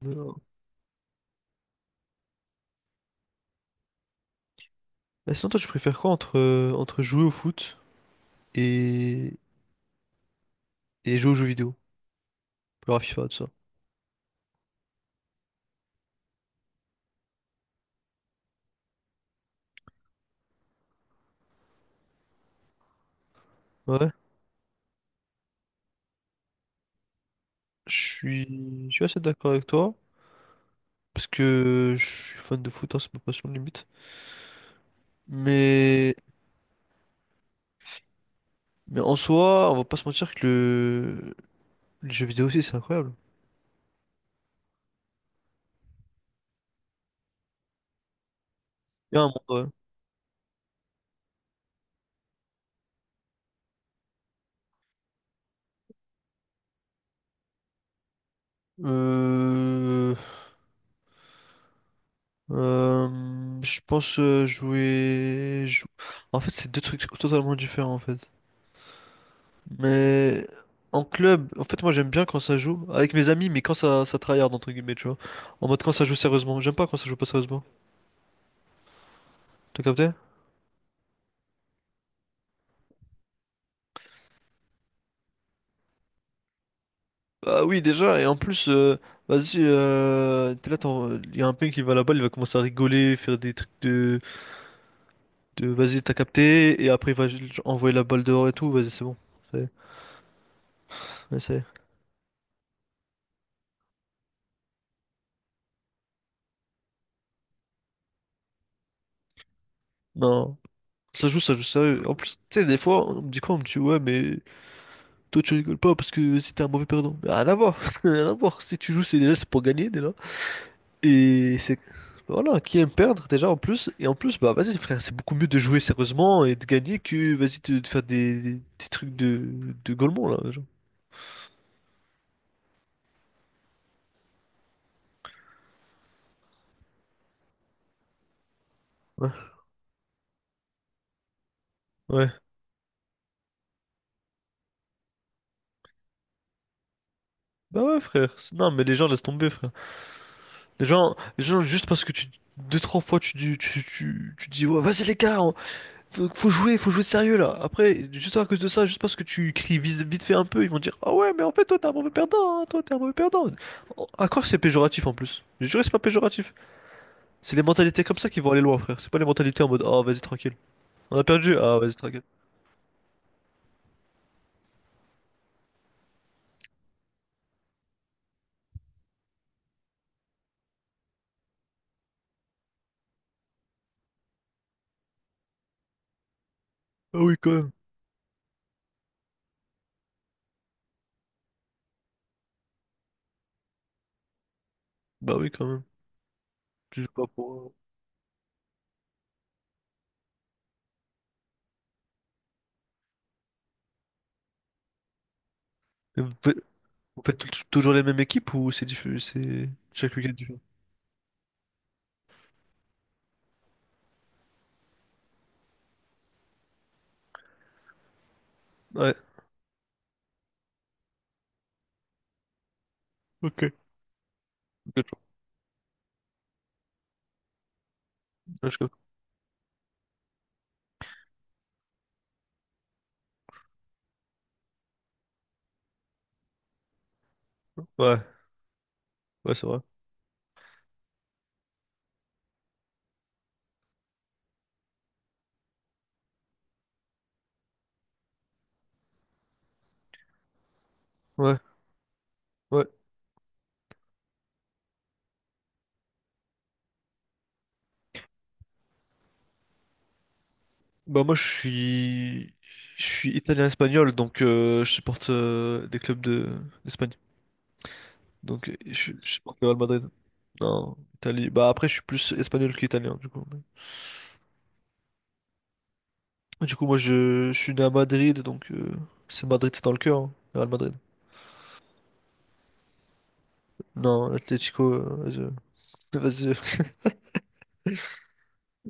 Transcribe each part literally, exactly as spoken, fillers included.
Non. Bah, sinon, toi, tu préfères quoi entre, euh, entre jouer au foot et, et jouer aux jeux vidéo? Genre à FIFA, tout ça. Ouais, je suis, je suis assez d'accord avec toi, parce que je suis fan de foot, hein, c'est ma passion limite. Mais, mais en soi, on va pas se mentir que le, les jeux vidéo aussi, c'est incroyable. Il y a un monde, ouais. Euh, euh, je pense euh, jouer, jou- en fait, c'est deux trucs totalement différents, en fait. Mais en club, en fait, moi j'aime bien quand ça joue avec mes amis, mais quand ça, ça tryhard, entre guillemets, tu vois. En mode quand ça joue sérieusement. J'aime pas quand ça joue pas sérieusement. T'as capté? Bah oui, déjà, et en plus, euh, vas-y, euh, t'es là, il y a un ping qui va là-bas, il va commencer à rigoler, faire des trucs de, de vas-y, t'as capté, et après il va genre, envoyer la balle dehors et tout, vas-y, c'est bon. C'est, ouais, c'est- Non, ça joue, ça joue sérieux. En plus, tu sais, des fois, on me dit quoi? On me dit, ouais, mais toi, tu rigoles pas parce que c'était un mauvais perdant. Mais rien à voir, rien à voir. Si tu joues, c'est déjà c'est pour gagner déjà. Et c'est voilà, qui aime perdre déjà en plus. Et en plus, bah vas-y frère, c'est beaucoup mieux de jouer sérieusement et de gagner que vas-y te- de faire des, des, des trucs de de gaulement là. Genre. Ouais, ouais. Bah ouais frère. C'est- Non mais les gens laissent tomber frère. Les gens, les gens juste parce que tu deux trois fois tu dis tu, tu, tu dis ouais vas-y les gars, Faut, faut jouer, faut jouer sérieux là. Après, juste à cause de ça, juste parce que tu cries vite, vite fait un peu, ils vont dire ah ouais, mais en fait, toi t'es un mauvais perdant, hein, toi t'es un mauvais perdant. À quoi c'est péjoratif en plus? Je jure, c'est pas péjoratif. C'est les mentalités comme ça qui vont aller loin, frère. C'est pas les mentalités en mode ah vas-y, tranquille. On a perdu? Ah vas-y, tranquille. Ah oui, quand même. Bah oui, quand même. Tu joues pas pour. Et vous faites, vous faites tou- toujours les mêmes équipes ou c'est diffu- c'est chaque week-end différent? Ouais, ok. Ok, je- Ouais, je comprends. Ouais, ouais, c'est vrai. Ouais, ouais. Bah moi je suis je suis italien-espagnol donc euh, je supporte euh, des clubs de d'Espagne. Donc euh, je, je supporte le Real Madrid. Non, Italie. Bah après je suis plus espagnol qu'italien du coup. Du coup moi je, je suis né à Madrid donc euh, c'est Madrid, c'est dans le cœur, hein, le Real Madrid. Non, l'Atlético euh, vas-y. Vas-y.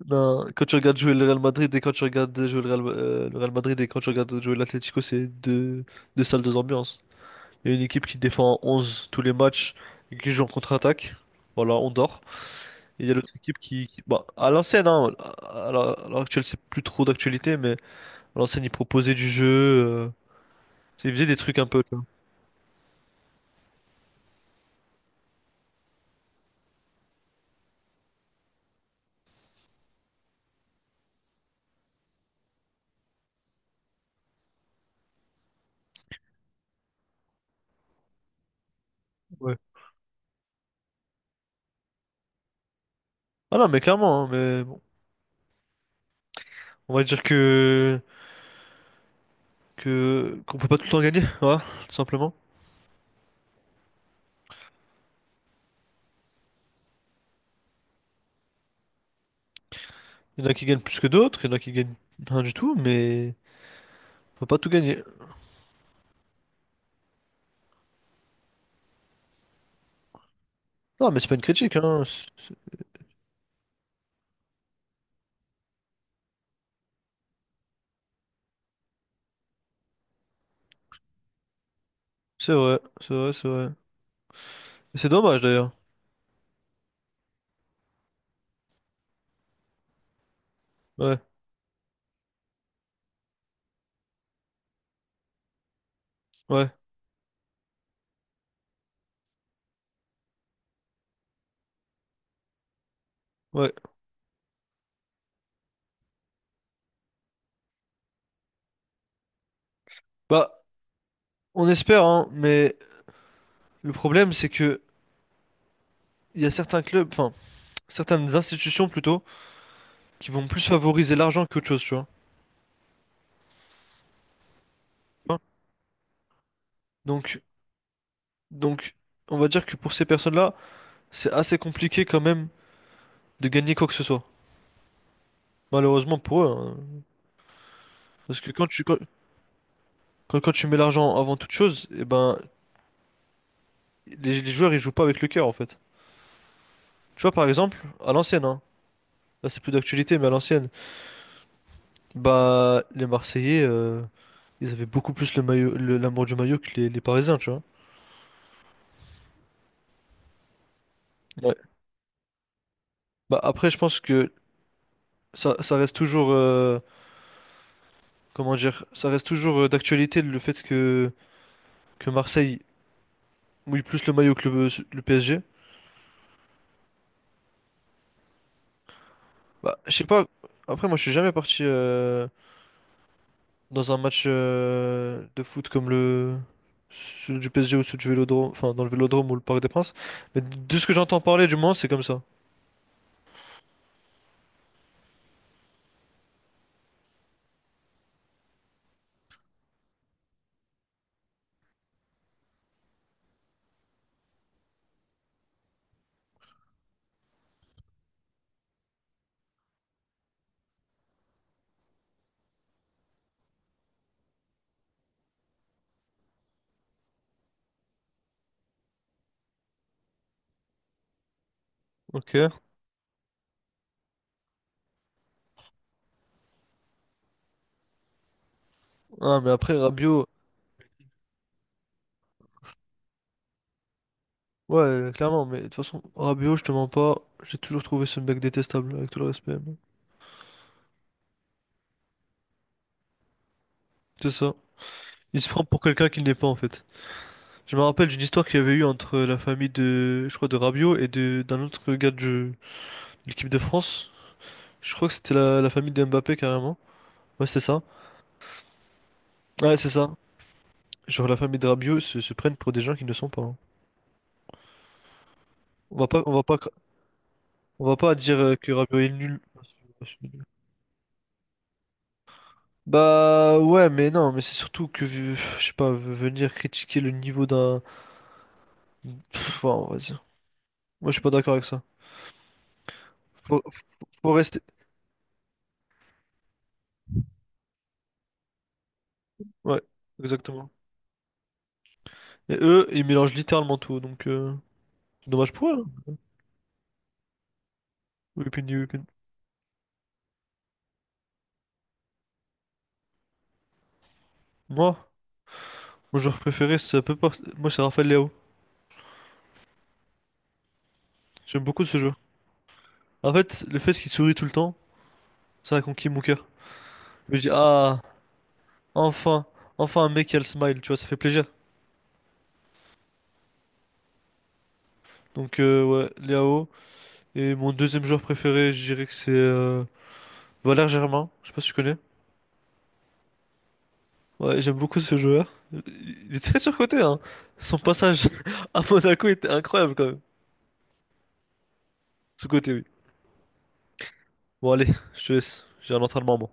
Non, quand tu regardes jouer le Real Madrid et quand tu regardes jouer le Real, euh, le Real Madrid et quand tu regardes jouer l'Atlético, c'est deux deux salles deux ambiances. Il y a une équipe qui défend à onze tous les matchs et qui joue en contre-attaque. Voilà, on dort. Et il y a l'autre équipe qui, qui- bah, à l'ancienne, hein, à à l'heure à l'heure actuelle, c'est plus trop d'actualité, mais à l'ancienne, ils proposaient du jeu. Euh, ils faisaient des trucs un peu. Tu vois. Ouais. Ah non, mais clairement, hein, mais bon. On va dire que, que, qu'on peut pas tout le temps gagner, voilà, tout simplement. Il y en a qui gagnent plus que d'autres, il y en a qui gagnent rien du tout, mais on peut pas tout gagner. Non, mais c'est pas une critique, hein. C'est vrai, c'est vrai, c'est vrai. Et c'est dommage d'ailleurs. Ouais, ouais, ouais. Bah, on espère, hein, mais le problème, c'est que il y a certains clubs, enfin, certaines institutions plutôt, qui vont plus favoriser l'argent qu'autre chose, tu vois. Hein. Donc, donc, on va dire que pour ces personnes-là, c'est assez compliqué quand même de gagner quoi que ce soit. Malheureusement pour eux, hein. Parce que quand tu, quand, quand- quand tu mets l'argent avant toute chose, et ben, les, les joueurs, ils jouent pas avec le cœur, en fait. Tu vois, par exemple, à l'ancienne, hein, là, c'est plus d'actualité, mais à l'ancienne, bah, les Marseillais, euh, ils avaient beaucoup plus le maillot, le- l'amour du maillot que les, les Parisiens, tu vois. Bah après, je pense que ça, ça reste toujours, euh, comment dire, ça reste toujours euh, d'actualité le fait que, que Marseille mouille plus le maillot que le, le P S G. Bah, je sais pas, après moi je suis jamais parti euh, dans un match euh, de foot comme le celui du P S G ou celui du Vélodrome, enfin dans le Vélodrome ou le Parc des Princes, mais de ce que j'entends parler du moins c'est comme ça. Ok. Ah mais après Rabiot, ouais clairement, mais de toute façon Rabiot je te mens pas, j'ai toujours trouvé ce mec détestable avec tout le respect. Mais c'est ça. Il se prend pour quelqu'un qu'il n'est pas en fait. Je me rappelle d'une histoire qu'il y avait eu entre la famille de, je crois, de Rabiot et de d'un autre gars de l'équipe de France. Je crois que c'était la, la famille de Mbappé carrément. Ouais, c'est ça. Ouais, c'est ça. Genre la famille de Rabiot se, se prennent pour des gens qui ne sont pas. Hein. On va pas, on va pas, cra- on va pas dire euh, que Rabiot est nul. Bah ouais, mais non, mais c'est surtout que vu- je sais pas, v- venir critiquer le niveau d'un, pff, ouais, on va dire. Moi, je suis pas d'accord avec ça. Faut, faut faut rester. Ouais, exactement. Et eux, ils mélangent littéralement tout, donc euh, c'est dommage pour eux. Hein. Whipping the Whipping. Moi, mon joueur préféré, ça peut pas. Moi, c'est Rafael Leao. J'aime beaucoup ce joueur. En fait, le fait qu'il sourit tout le temps, ça a conquis mon cœur. Je me dis, ah, enfin, enfin un mec qui a le smile, tu vois, ça fait plaisir. Donc, euh, ouais, Leao. Et mon deuxième joueur préféré, je dirais que c'est euh, Valère Germain. Je sais pas si tu connais. Ouais, j'aime beaucoup ce joueur. Il est très surcoté, hein. Son passage à Monaco était incroyable quand même. Sous-coté, oui. Bon, allez, je te laisse. J'ai un entraînement, moi.